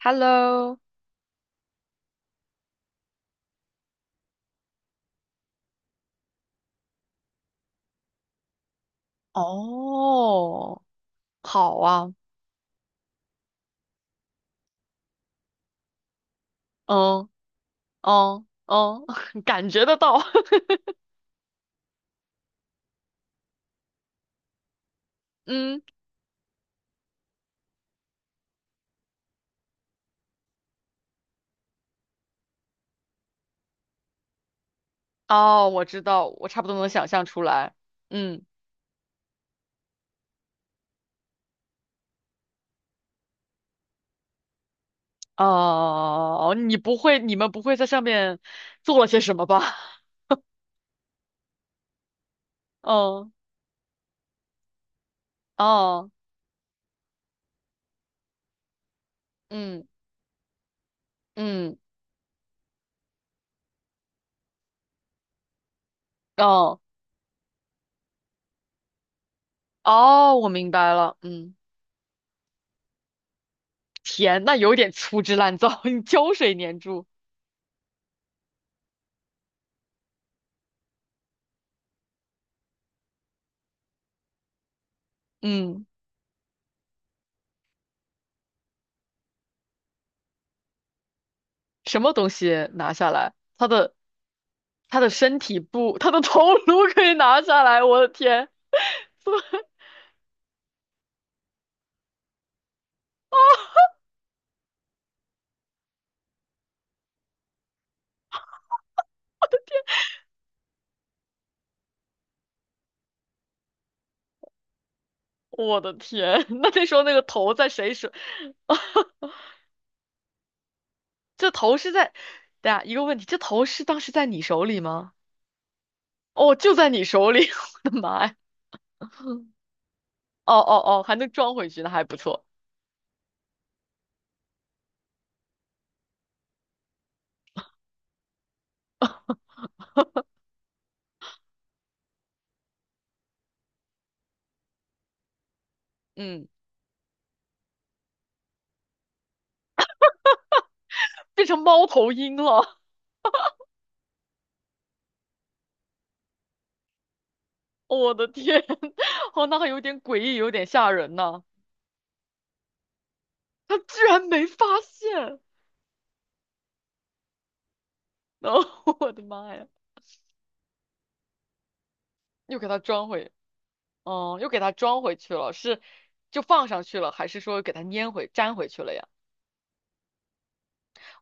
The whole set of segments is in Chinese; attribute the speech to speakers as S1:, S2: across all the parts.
S1: Hello，哦，好啊，嗯嗯嗯，感觉得到，嗯，哦，我知道，我差不多能想象出来。嗯。哦，你们不会在上面做了些什么吧？嗯。哦。嗯嗯。哦哦，我明白了。嗯。天，那有点粗制滥造，你胶水粘住。嗯。什么东西拿下来？它的他的身体不，他的头颅可以拿下来？我的天！我的天！那那时候那个头在谁手？这头是在，对啊，一个问题，这头是当时在你手里吗？哦，就在你手里。我的妈呀！哦哦哦，还能装回去，那还不错。嗯。变成猫头鹰了。我的天！哦，那还有点诡异，有点吓人呢。他居然没发现。哦，我的妈呀！又给他装回，哦，又给它装回去了，是就放上去了，还是说给它粘回去了呀？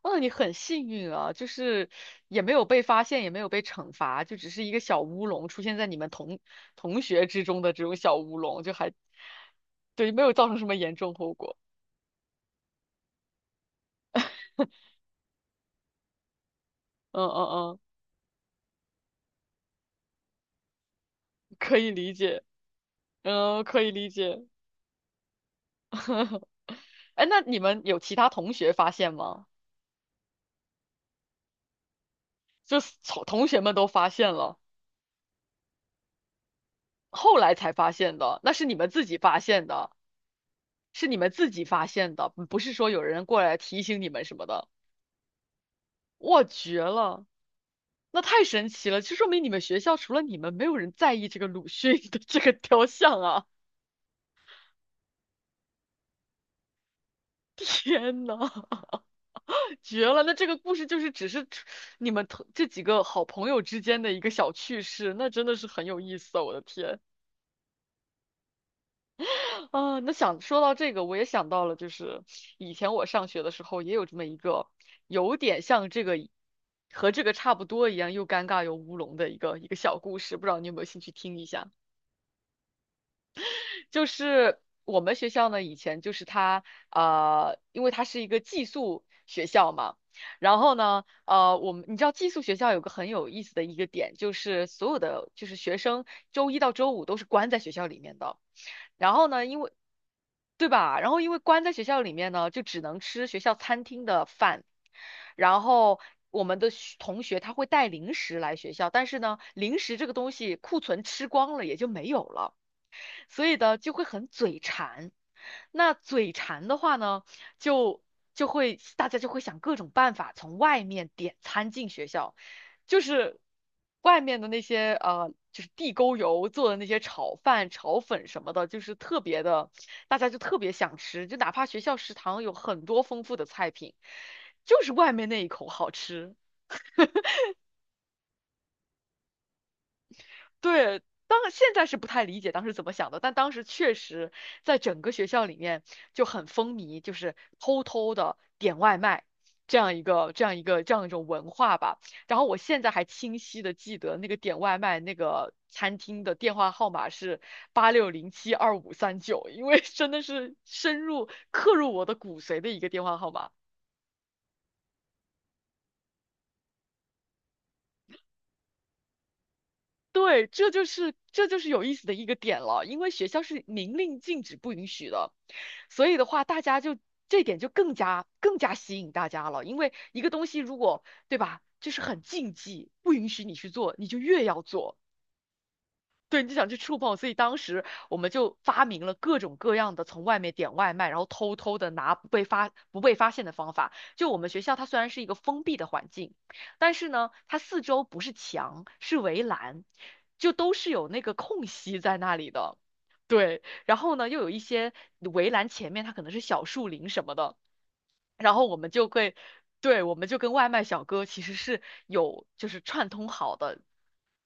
S1: 哇，你很幸运啊，就是也没有被发现，也没有被惩罚，就只是一个小乌龙出现在你们同学之中的这种小乌龙，就还对，没有造成什么严重后果。嗯嗯嗯，可以理解。嗯，可以理解。哎，那你们有其他同学发现吗？就是同学们都发现了，后来才发现的，那是你们自己发现的。是你们自己发现的，不是说有人过来提醒你们什么的。哇，绝了！那太神奇了！就说明你们学校除了你们，没有人在意这个鲁迅的 这个雕像啊！天呐，绝了！那这个故事就是只是你们同这几个好朋友之间的一个小趣事，那真的是很有意思啊！我的天。啊，那想说到这个，我也想到了，就是以前我上学的时候也有这么一个，有点像这个，和这个差不多一样，又尴尬又乌龙的一个小故事，不知道你有没有兴趣听一下？就是我们学校呢，以前就是它，因为它是一个寄宿学校嘛。然后呢，我们你知道寄宿学校有个很有意思的一个点，就是所有的就是学生周一到周五都是关在学校里面的。然后呢，因为对吧？然后因为关在学校里面呢，就只能吃学校餐厅的饭。然后我们的学同学他会带零食来学校，但是呢，零食这个东西库存吃光了也就没有了。所以呢就会很嘴馋。那嘴馋的话呢，就大家就会想各种办法从外面点餐进学校，就是外面的那些就是地沟油做的那些炒饭、炒粉什么的，就是特别的，大家就特别想吃，就哪怕学校食堂有很多丰富的菜品，就是外面那一口好吃。对，当现在是不太理解当时怎么想的，但当时确实在整个学校里面就很风靡，就是偷偷的点外卖这样一种文化吧。然后我现在还清晰的记得那个点外卖那个餐厅的电话号码是86072539，因为真的是深入刻入我的骨髓的一个电话号码。对，这就是有意思的一个点了，因为学校是明令禁止不允许的。所以的话，大家就这点就更加吸引大家了，因为一个东西如果，对吧，就是很禁忌，不允许你去做，你就越要做。对，你就想去触碰，所以当时我们就发明了各种各样的从外面点外卖，然后偷偷的拿不被发现的方法。就我们学校，它虽然是一个封闭的环境，但是呢，它四周不是墙，是围栏，就都是有那个空隙在那里的。对，然后呢，又有一些围栏前面它可能是小树林什么的。然后我们就会。对，我们就跟外卖小哥其实是有就是串通好的，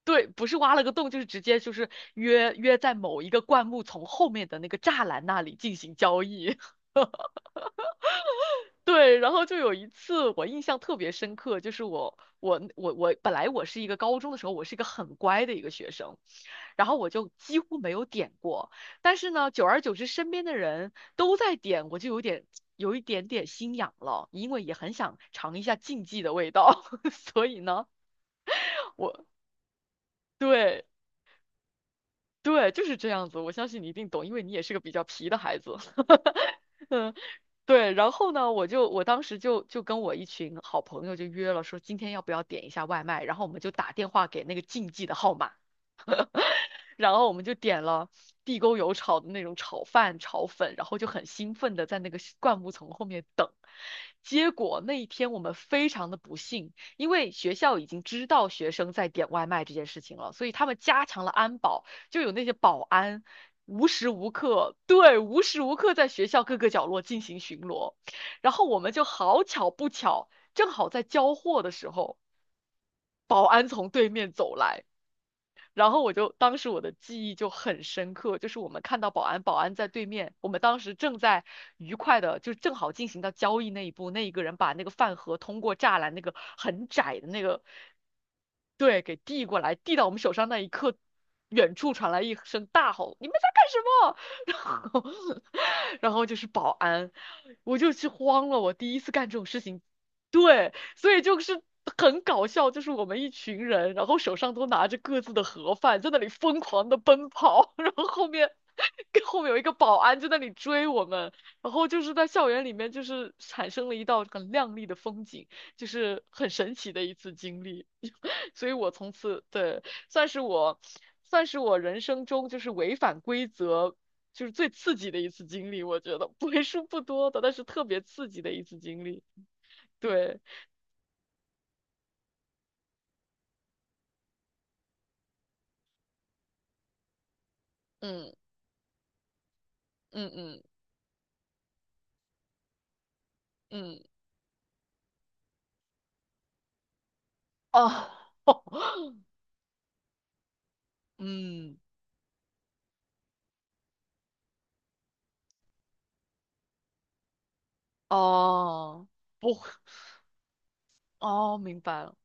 S1: 对，不是挖了个洞，就是直接就是约在某一个灌木丛后面的那个栅栏那里进行交易。对，然后就有一次我印象特别深刻，就是我我我我本来我是一个高中的时候，我是一个很乖的一个学生，然后我就几乎没有点过，但是呢，久而久之身边的人都在点，我就有一点点心痒了，因为也很想尝一下禁忌的味道，所以呢，我对。对，就是这样子。我相信你一定懂，因为你也是个比较皮的孩子。嗯，对。然后呢，我当时就跟我一群好朋友就约了，说今天要不要点一下外卖？然后我们就打电话给那个竞技的号码。然后我们就点了地沟油炒的那种炒饭、炒粉，然后就很兴奋的在那个灌木丛后面等。结果那一天我们非常的不幸，因为学校已经知道学生在点外卖这件事情了，所以他们加强了安保，就有那些保安无时无刻，对，无时无刻在学校各个角落进行巡逻。然后我们就好巧不巧，正好在交货的时候，保安从对面走来。然后我就当时我的记忆就很深刻，就是我们看到保安，保安在对面，我们当时正在愉快的，就正好进行到交易那一步，那一个人把那个饭盒通过栅栏那个很窄的那个，对，给递过来，递到我们手上那一刻，远处传来一声大吼：“你们在干什么？”后 然后就是保安，我就去慌了，我第一次干这种事情。对，所以就是很搞笑，就是我们一群人，然后手上都拿着各自的盒饭，在那里疯狂的奔跑，然后后面 跟后面有一个保安就在那里追我们。然后就是在校园里面就是产生了一道很亮丽的风景，就是很神奇的一次经历。所以我从此对。算是我，算是我人生中就是违反规则就是最刺激的一次经历，我觉得为数不多的，但是特别刺激的一次经历。对，嗯嗯嗯嗯，哦，嗯哦，不，哦，明白了。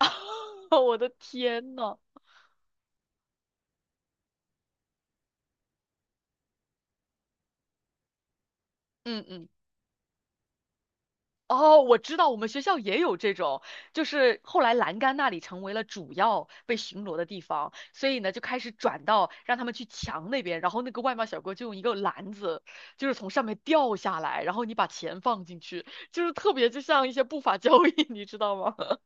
S1: 我的天呐！嗯嗯。哦，我知道，我们学校也有这种，就是后来栏杆那里成为了主要被巡逻的地方，所以呢就开始转到让他们去墙那边，然后那个外卖小哥就用一个篮子，就是从上面掉下来，然后你把钱放进去，就是特别就像一些不法交易，你知道吗？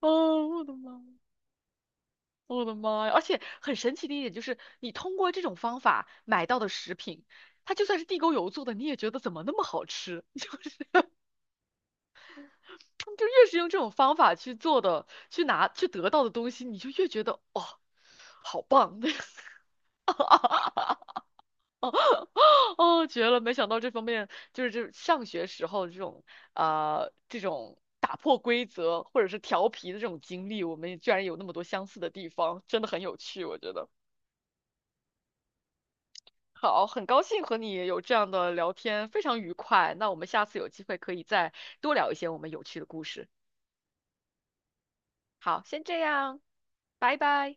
S1: 哦，我的妈！我的妈呀！而且很神奇的一点就是，你通过这种方法买到的食品，它就算是地沟油做的，你也觉得怎么那么好吃，就是。就越是用这种方法去做的，去拿去得到的东西，你就越觉得哇、好棒！哦，绝了！没想到这方面就是这上学时候这种这种打破规则或者是调皮的这种经历，我们也居然有那么多相似的地方，真的很有趣，我觉得。好，很高兴和你有这样的聊天，非常愉快。那我们下次有机会可以再多聊一些我们有趣的故事。好，先这样。拜拜。